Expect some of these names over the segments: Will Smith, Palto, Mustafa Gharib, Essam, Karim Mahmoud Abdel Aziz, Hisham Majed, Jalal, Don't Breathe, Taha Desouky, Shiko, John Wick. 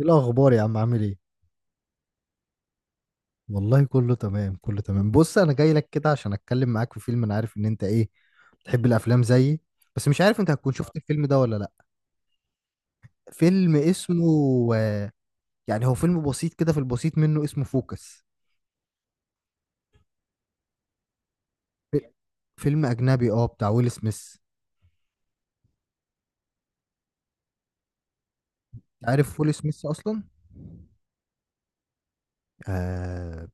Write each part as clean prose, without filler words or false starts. ايه الاخبار يا عم؟ عامل ايه؟ والله كله تمام، كله تمام. بص انا جاي لك كده عشان اتكلم معاك في فيلم. انا عارف ان انت ايه، بتحب الافلام زيي، بس مش عارف انت هتكون شفت الفيلم ده ولا لا. فيلم اسمه، يعني هو فيلم بسيط كده، في البسيط منه، اسمه فوكس. في- فيلم اجنبي اه، بتاع ويل سميث. عارف ويل سميث اصلا؟ آه.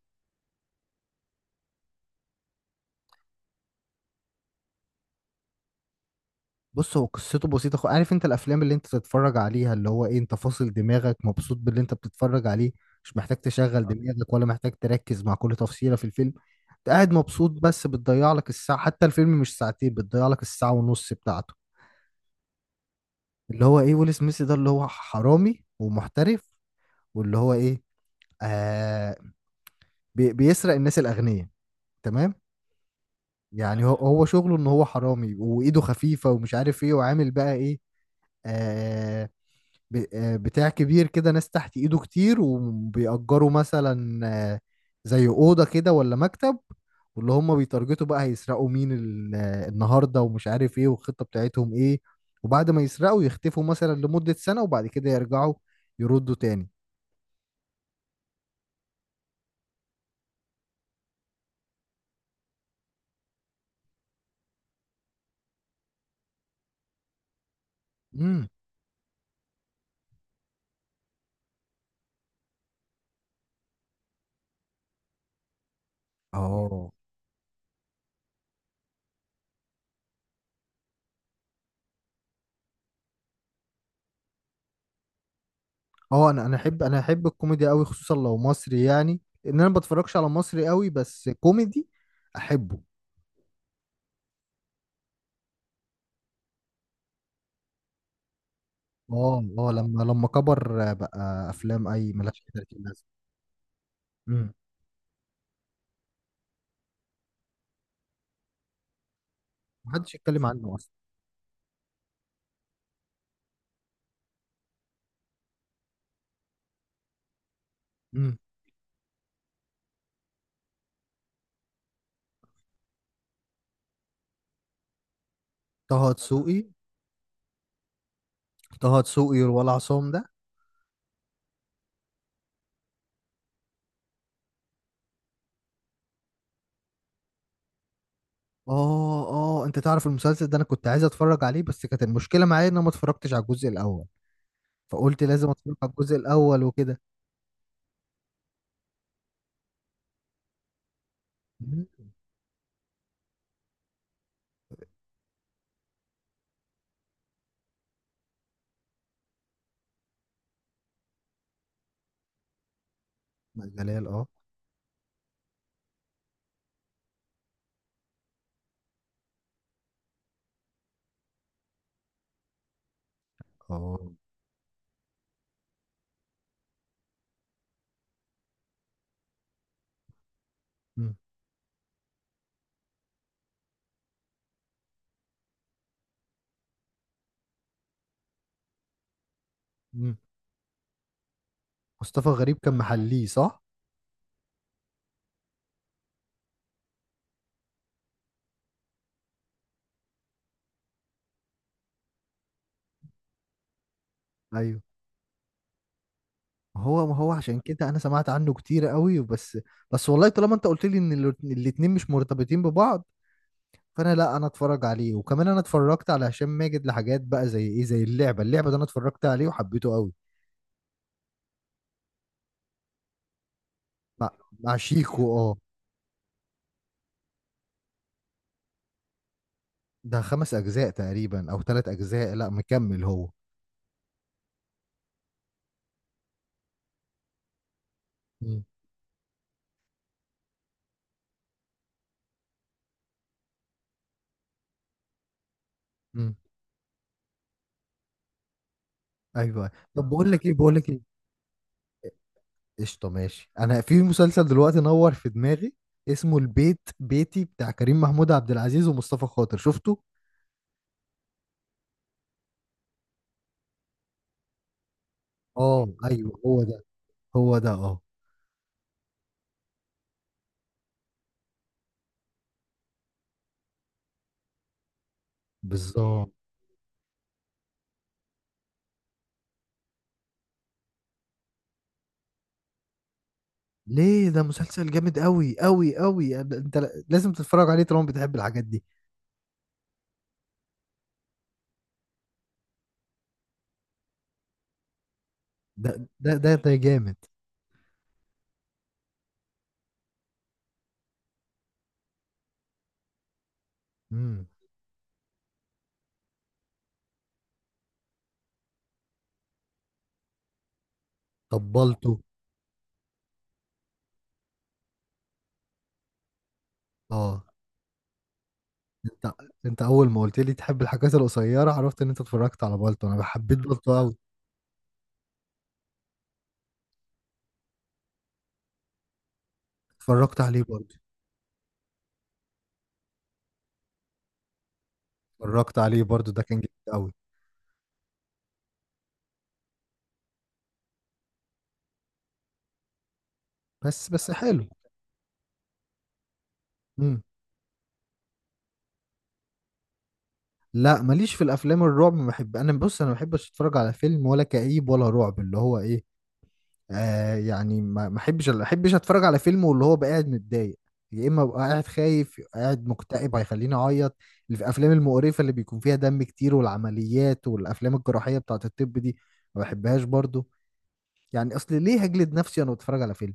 بص هو قصته بسيطة، عارف انت الافلام اللي انت تتفرج عليها اللي هو ايه، انت فاصل دماغك، مبسوط باللي انت بتتفرج عليه، مش محتاج تشغل دماغك، ولا محتاج تركز مع كل تفصيلة في الفيلم. انت قاعد مبسوط، بس بتضيع لك الساعة، حتى الفيلم مش ساعتين، بتضيع لك الساعة ونص بتاعته. اللي هو ايه، ويل سميث ده اللي هو حرامي ومحترف، واللي هو ايه، آه، بيسرق الناس الأغنياء. تمام. يعني هو شغله ان هو حرامي وايده خفيفة، ومش عارف ايه، وعامل بقى ايه، آه، بتاع كبير كده، ناس تحت ايده كتير، وبيأجروا مثلا، آه، زي أوضة كده ولا مكتب. واللي هم بيتارجتوا بقى هيسرقوا مين، النهاردة، ومش عارف ايه، والخطة بتاعتهم ايه. وبعد ما يسرقوا يختفوا مثلا لمدة سنة، وبعد كده يرجعوا، يردوا تاني. امم اه، اه، انا احب الكوميدي قوي، خصوصا لو مصري. يعني ان انا ما بتفرجش على مصري قوي، بس كوميدي احبه. اه اه، لما كبر، بقى افلام اي ملهاش أي 30 لازمة. امم محدش يتكلم عنه اصلا. امم طه دسوقي، طه دسوقي ولا عصام ده؟ اه اه، انت تعرف المسلسل ده؟ انا كنت عايز اتفرج عليه، بس كانت المشكله معايا ان انا ما اتفرجتش على الجزء الاول، فقلت لازم اتفرج على الجزء الاول وكده. مم. جلال اه اه. مم. مم. مصطفى غريب كان محليه صح؟ ايوه. ما هو عشان كده انا سمعت عنه كتير قوي، بس بس والله طالما انت قلت لي ان الاتنين مش مرتبطين ببعض، فانا لا، انا اتفرج عليه. وكمان انا اتفرجت على هشام ماجد لحاجات بقى زي ايه، زي اللعبه. اللعبه ده انا اتفرجت عليه وحبيته قوي. مع مع شيكو اه. ده خمس اجزاء تقريبا او ثلاث اجزاء، لا مكمل هو. مم. مم. ايوه، طب بقول لك ايه، قشطه ماشي. انا في مسلسل دلوقتي نور في دماغي، اسمه البيت بيتي، بتاع كريم محمود عبد العزيز ومصطفى خاطر، شفته؟ اه ايوه هو ده، هو ده اه. بالظبط. ليه، ده مسلسل جامد قوي قوي قوي، انت ل- لازم تتفرج عليه طالما بتحب الحاجات دي. ده ده جامد. امم طبلته، اه. انت انت اول ما قلت لي تحب الحاجات القصيره، عرفت ان انت اتفرجت على بالتو. انا حبيت بالتو قوي. اتفرجت عليه برضه. اتفرجت عليه برضه، ده كان جامد قوي. بس بس حلو. امم لا ماليش في الافلام الرعب، ما بحب. انا بص انا ما بحبش اتفرج على فيلم ولا كئيب ولا رعب، اللي هو ايه، آه، يعني ما احبش اتفرج على فيلم واللي هو بقى قاعد متضايق، يا اما ابقى قاعد خايف، يبقى قاعد مكتئب هيخليني اعيط. اللي في الافلام المقرفه اللي بيكون فيها دم كتير والعمليات والافلام الجراحيه بتاعه الطب دي، ما بحبهاش برضو. يعني اصل ليه هجلد نفسي وانا بتفرج على فيلم؟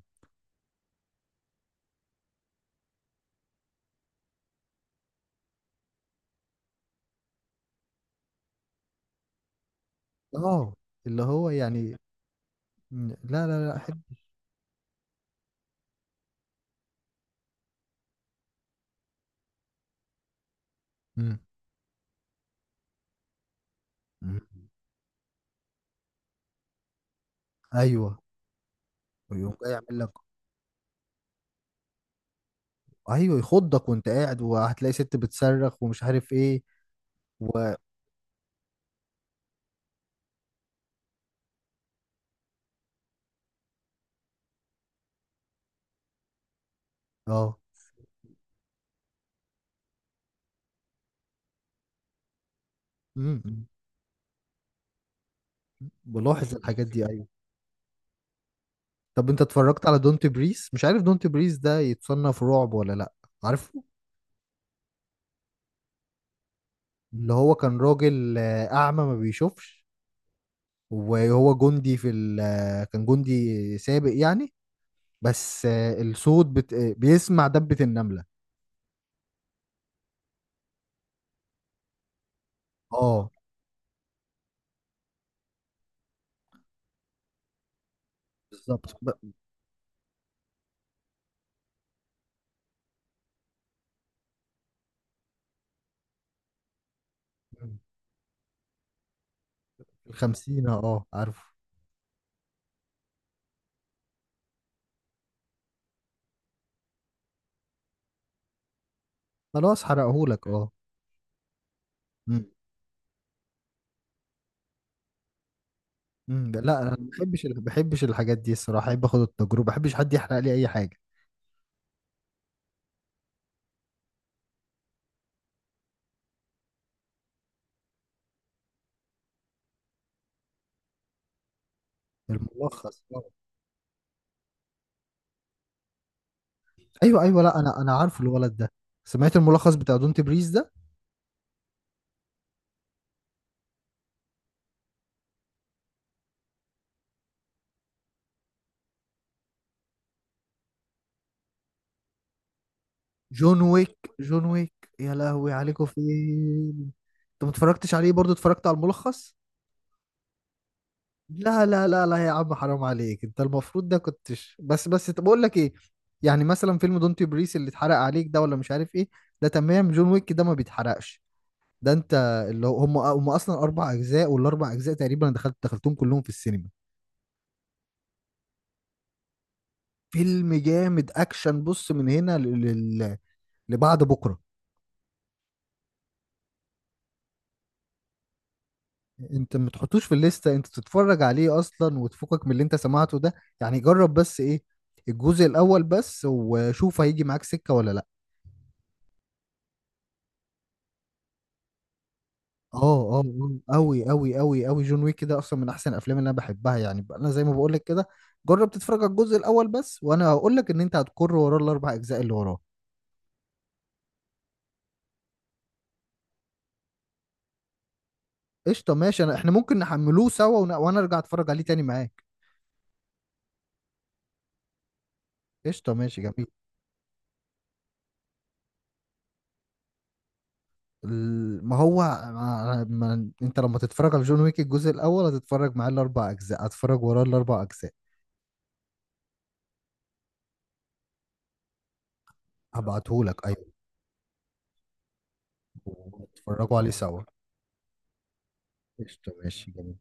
اه، اللي هو يعني، لا احب. مم. مم. ايوه، ويقوم جاي يعمل لك، ايوه، يخضك وانت قاعد، وهتلاقي ست بتصرخ ومش عارف ايه، و اه. مم. بلاحظ الحاجات دي، ايوه. طب انت اتفرجت على دونت بريس؟ مش عارف دونت بريس ده يتصنف رعب ولا لا. عارفه؟ اللي هو كان راجل اعمى، ما بيشوفش، وهو جندي في ال آه، كان جندي سابق يعني، بس الصوت بت... آه، بيسمع دبة النملة. اه بالظبط. الخمسين اه، عارفه. خلاص حرقهولك اه. مم. لا انا ما بحبش الحاجات دي الصراحة، احب اخد التجربة، ما بحبش حد يحرق لي اي حاجة. الملخص ايوه ايوه، لا انا انا عارفه الولد ده. سمعت الملخص بتاع دونت بريز ده. جون ويك، جون ويك، يا لهوي عليكم فين! انت ما اتفرجتش عليه برضو؟ اتفرجت على الملخص؟ لا لا لا لا يا عم، حرام عليك انت، المفروض ده كنتش. بس بس طب اقول لك ايه، يعني مثلا فيلم دونت بريس اللي اتحرق عليك ده ولا مش عارف ايه، ده تمام. جون ويك ده ما بيتحرقش. ده انت، اللي هو- هم اصلا اربع اجزاء، والاربع اجزاء تقريبا أنا دخلتهم كلهم في السينما. فيلم جامد اكشن، بص من هنا ل- لبعد بكره. انت ما تحطوش في الليسته، انت تتفرج عليه اصلا وتفكك من اللي انت سمعته ده. يعني جرب بس، ايه، الجزء الاول بس، وشوف هيجي معاك سكه ولا لا. اه اه، اوي جون ويك ده اصلا من احسن الافلام اللي انا بحبها يعني. انا زي ما بقول لك كده، جرب تتفرج على الجزء الاول بس، وانا هقول لك ان انت هتكر وراه الاربع اجزاء اللي وراه. قشطه ماشي. انا احنا ممكن نحملوه سوا، وانا ارجع اتفرج عليه تاني معاك. قشطه ماشي جميل. ما هو، ما انت لما تتفرج على جون ويك الجزء الاول، هتتفرج معاه الاربع اجزاء، هتتفرج وراه الاربع اجزاء. هبعتهولك ايوه. اتفرجوا عليه سوا. قشطة ماشي جميل.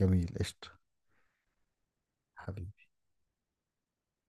جميل قشطة. حبيبي.